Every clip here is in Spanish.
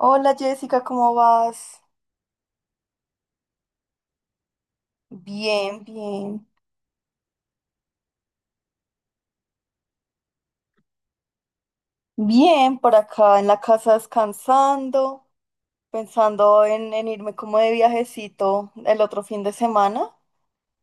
Hola Jessica, ¿cómo vas? Bien, bien. Bien, por acá en la casa descansando, pensando en irme como de viajecito el otro fin de semana.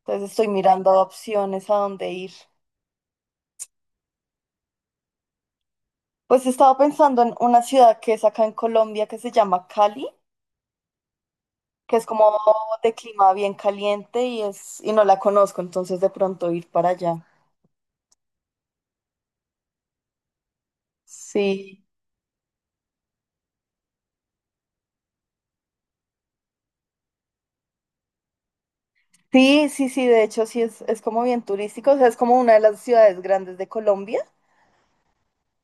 Entonces estoy mirando opciones a dónde ir. Pues estaba pensando en una ciudad que es acá en Colombia que se llama Cali, que es como de clima bien caliente y no la conozco, entonces de pronto ir para allá. Sí. Sí, sí, sí, de hecho sí es como bien turístico, o sea, es como una de las ciudades grandes de Colombia.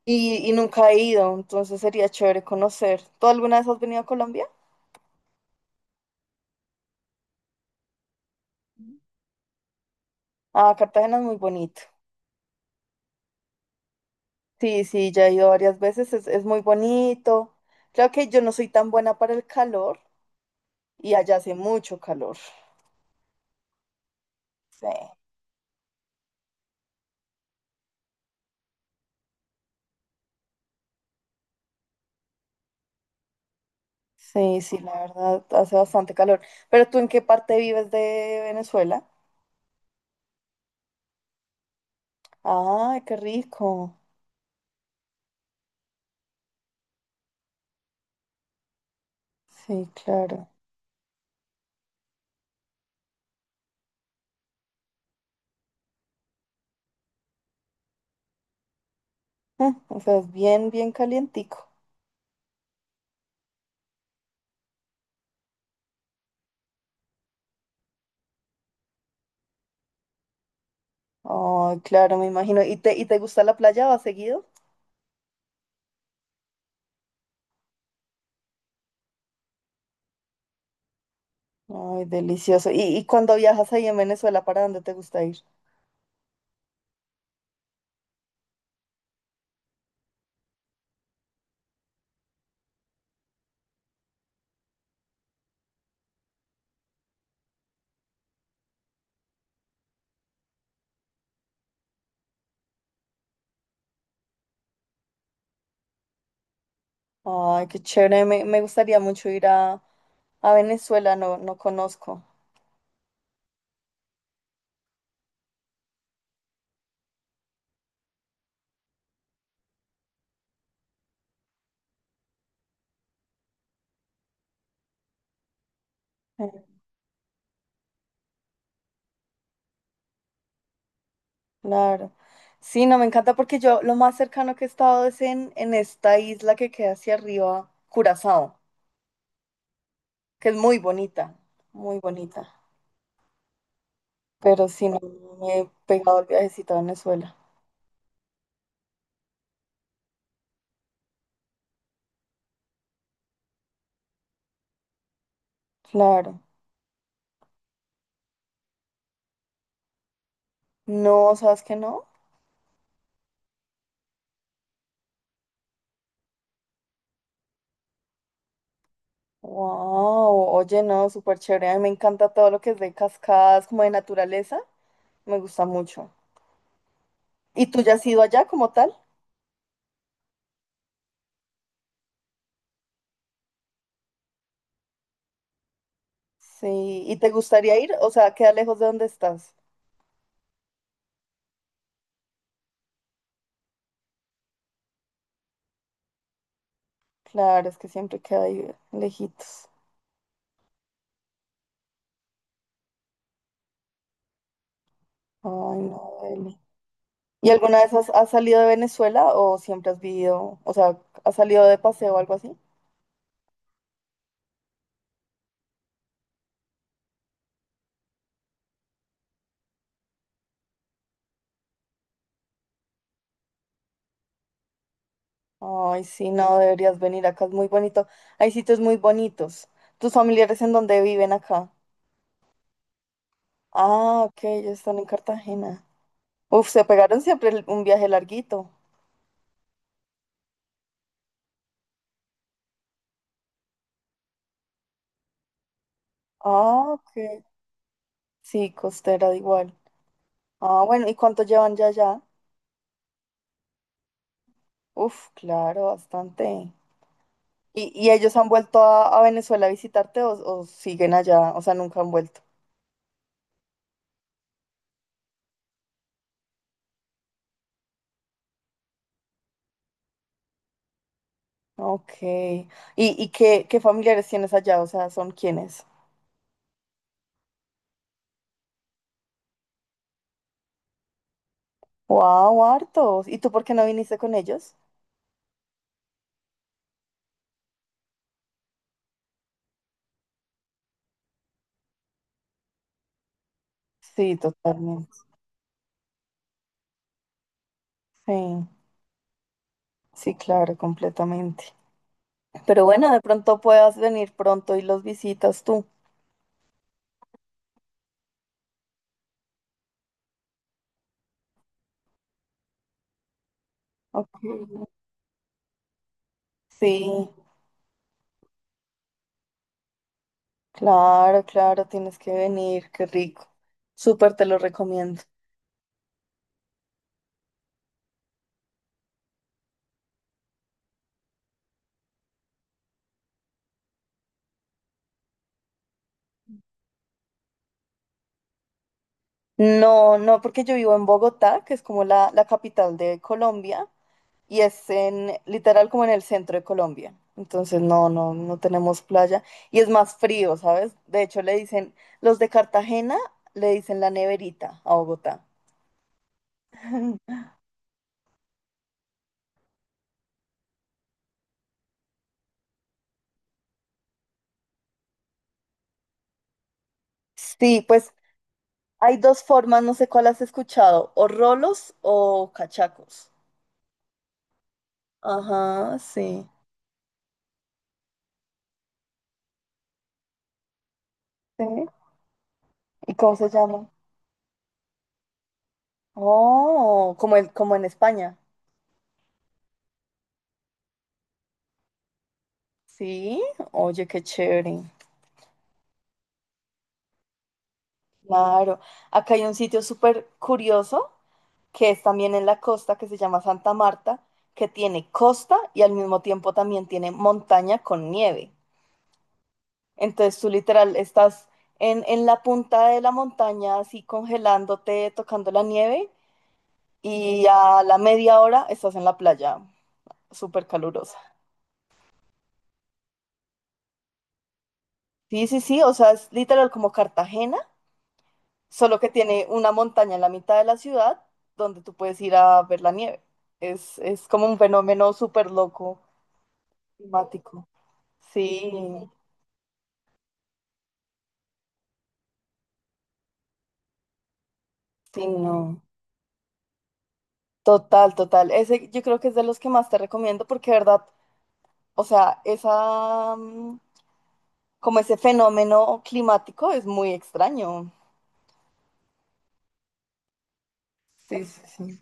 Y nunca he ido, entonces sería chévere conocer. ¿Tú alguna vez has venido a Colombia? Ah, Cartagena es muy bonito. Sí, sí, ya he ido varias veces, es muy bonito. Creo que yo no soy tan buena para el calor y allá hace mucho calor. Sí, sí, sí, la verdad, hace bastante calor. ¿Pero tú en qué parte vives de Venezuela? Ay, qué rico. Sí, claro. Mm, o sea, es bien, bien calientico. Ay, claro, me imagino. ¿Y te gusta la playa? ¿Vas seguido? Ay, delicioso. ¿Y cuando viajas ahí en Venezuela, para dónde te gusta ir? Ay, qué chévere. Me gustaría mucho ir a Venezuela, no, no conozco. Eh, Claro. Sí, no, me encanta porque yo lo más cercano que he estado es en esta isla que queda hacia arriba, Curazao, que es muy bonita, muy bonita. Pero sí, no me he pegado el viajecito a Venezuela. Claro. No, ¿sabes qué no? Wow, oye, no, súper chévere. A mí me encanta todo lo que es de cascadas, como de naturaleza. Me gusta mucho. ¿Y tú ya has ido allá como tal? Sí, ¿y te gustaría ir? O sea, queda lejos de donde estás. Claro, es que siempre queda ahí lejitos. Ay, no, Eli. ¿Y alguna vez has salido de Venezuela o siempre has vivido, o sea, has salido de paseo o algo así? Ay, sí, no, deberías venir acá, es muy bonito. Hay sitios muy bonitos. ¿Tus familiares en dónde viven acá? Ah, ok, ellos están en Cartagena. Uf, se pegaron siempre un viaje larguito. Ah, ok. Sí, costera, da igual. Ah, bueno, ¿y cuánto llevan ya allá? Uf, claro, bastante. ¿Y ellos han vuelto a Venezuela a visitarte o siguen allá? O sea, nunca han vuelto. Ok. Qué familiares tienes allá? O sea, ¿son quiénes? Wow, hartos. ¿Y tú por qué no viniste con ellos? Sí, totalmente. Sí, sí, claro, completamente. Pero bueno, de pronto puedas venir pronto y los visitas tú. Ok. Sí. Claro, claro, tienes que venir, qué rico. Súper te lo recomiendo. No, no, porque yo vivo en Bogotá, que es como la capital de Colombia, y es en, literal como en el centro de Colombia. Entonces, no, no, no tenemos playa. Y es más frío, ¿sabes? De hecho, le dicen, los de Cartagena le dicen la neverita a Bogotá. Sí, pues hay dos formas, no sé cuál has escuchado, o rolos o cachacos. Ajá, sí. Sí. ¿Y cómo se llama? Oh, como en, como en España. Sí, oye, qué chévere. Claro. Acá hay un sitio súper curioso que es también en la costa que se llama Santa Marta, que tiene costa y al mismo tiempo también tiene montaña con nieve. Entonces tú literal estás en la punta de la montaña así congelándote, tocando la nieve y a la media hora estás en la playa súper calurosa. Sí, sí, sí, o sea, es literal como Cartagena solo que tiene una montaña en la mitad de la ciudad donde tú puedes ir a ver la nieve. Es como un fenómeno súper loco, climático. Sí, sí, no. Total, total. Ese yo creo que es de los que más te recomiendo porque, de verdad, o sea, esa, como ese fenómeno climático es muy extraño. Sí, sí, sí.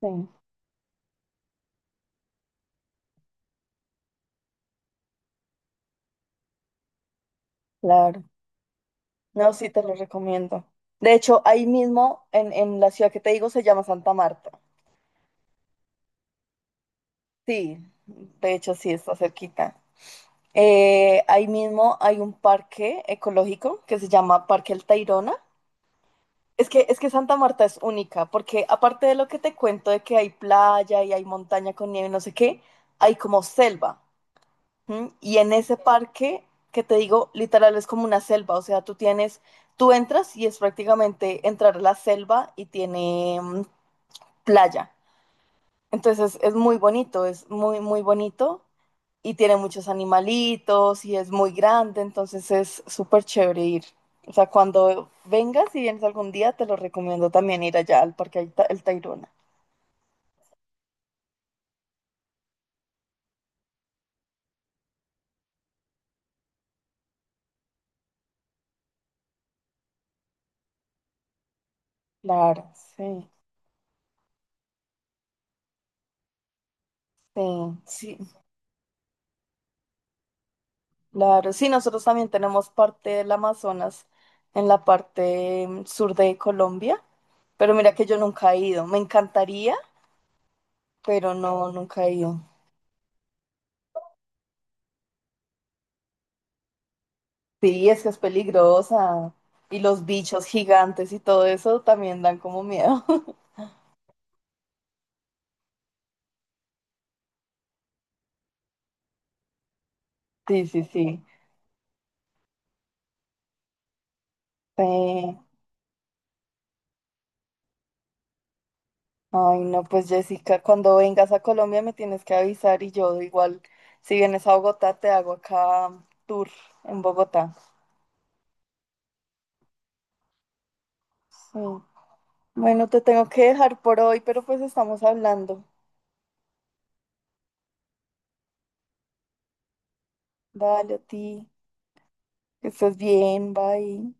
Sí, claro. No, sí, te lo recomiendo. De hecho, ahí mismo, en la ciudad que te digo, se llama Santa Marta. Sí, de hecho, sí, está cerquita. Ahí mismo hay un parque ecológico que se llama Parque El Tayrona. Es que Santa Marta es única, porque aparte de lo que te cuento de que hay playa y hay montaña con nieve y no sé qué, hay como selva. ¿M? Y en ese parque, que te digo, literal es como una selva, o sea, tú entras y es prácticamente entrar a la selva y tiene playa. Entonces es muy bonito, es muy, muy bonito y tiene muchos animalitos y es muy grande, entonces es súper chévere ir. O sea, cuando vengas y vienes algún día, te lo recomiendo también ir allá al El Tayrona. Claro, sí, sí, sí, claro. Sí, nosotros también tenemos parte del Amazonas en la parte sur de Colombia, pero mira que yo nunca he ido. Me encantaría, pero no, nunca he ido. Sí, es que es peligrosa. Y los bichos gigantes y todo eso también dan como miedo. Sí, sí, sí. Sí. Ay, no, pues Jessica, cuando vengas a Colombia me tienes que avisar y yo igual, si vienes a Bogotá, te hago acá tour en Bogotá. Sí. Bueno, te tengo que dejar por hoy, pero pues estamos hablando. Dale a ti, que estés bien, bye.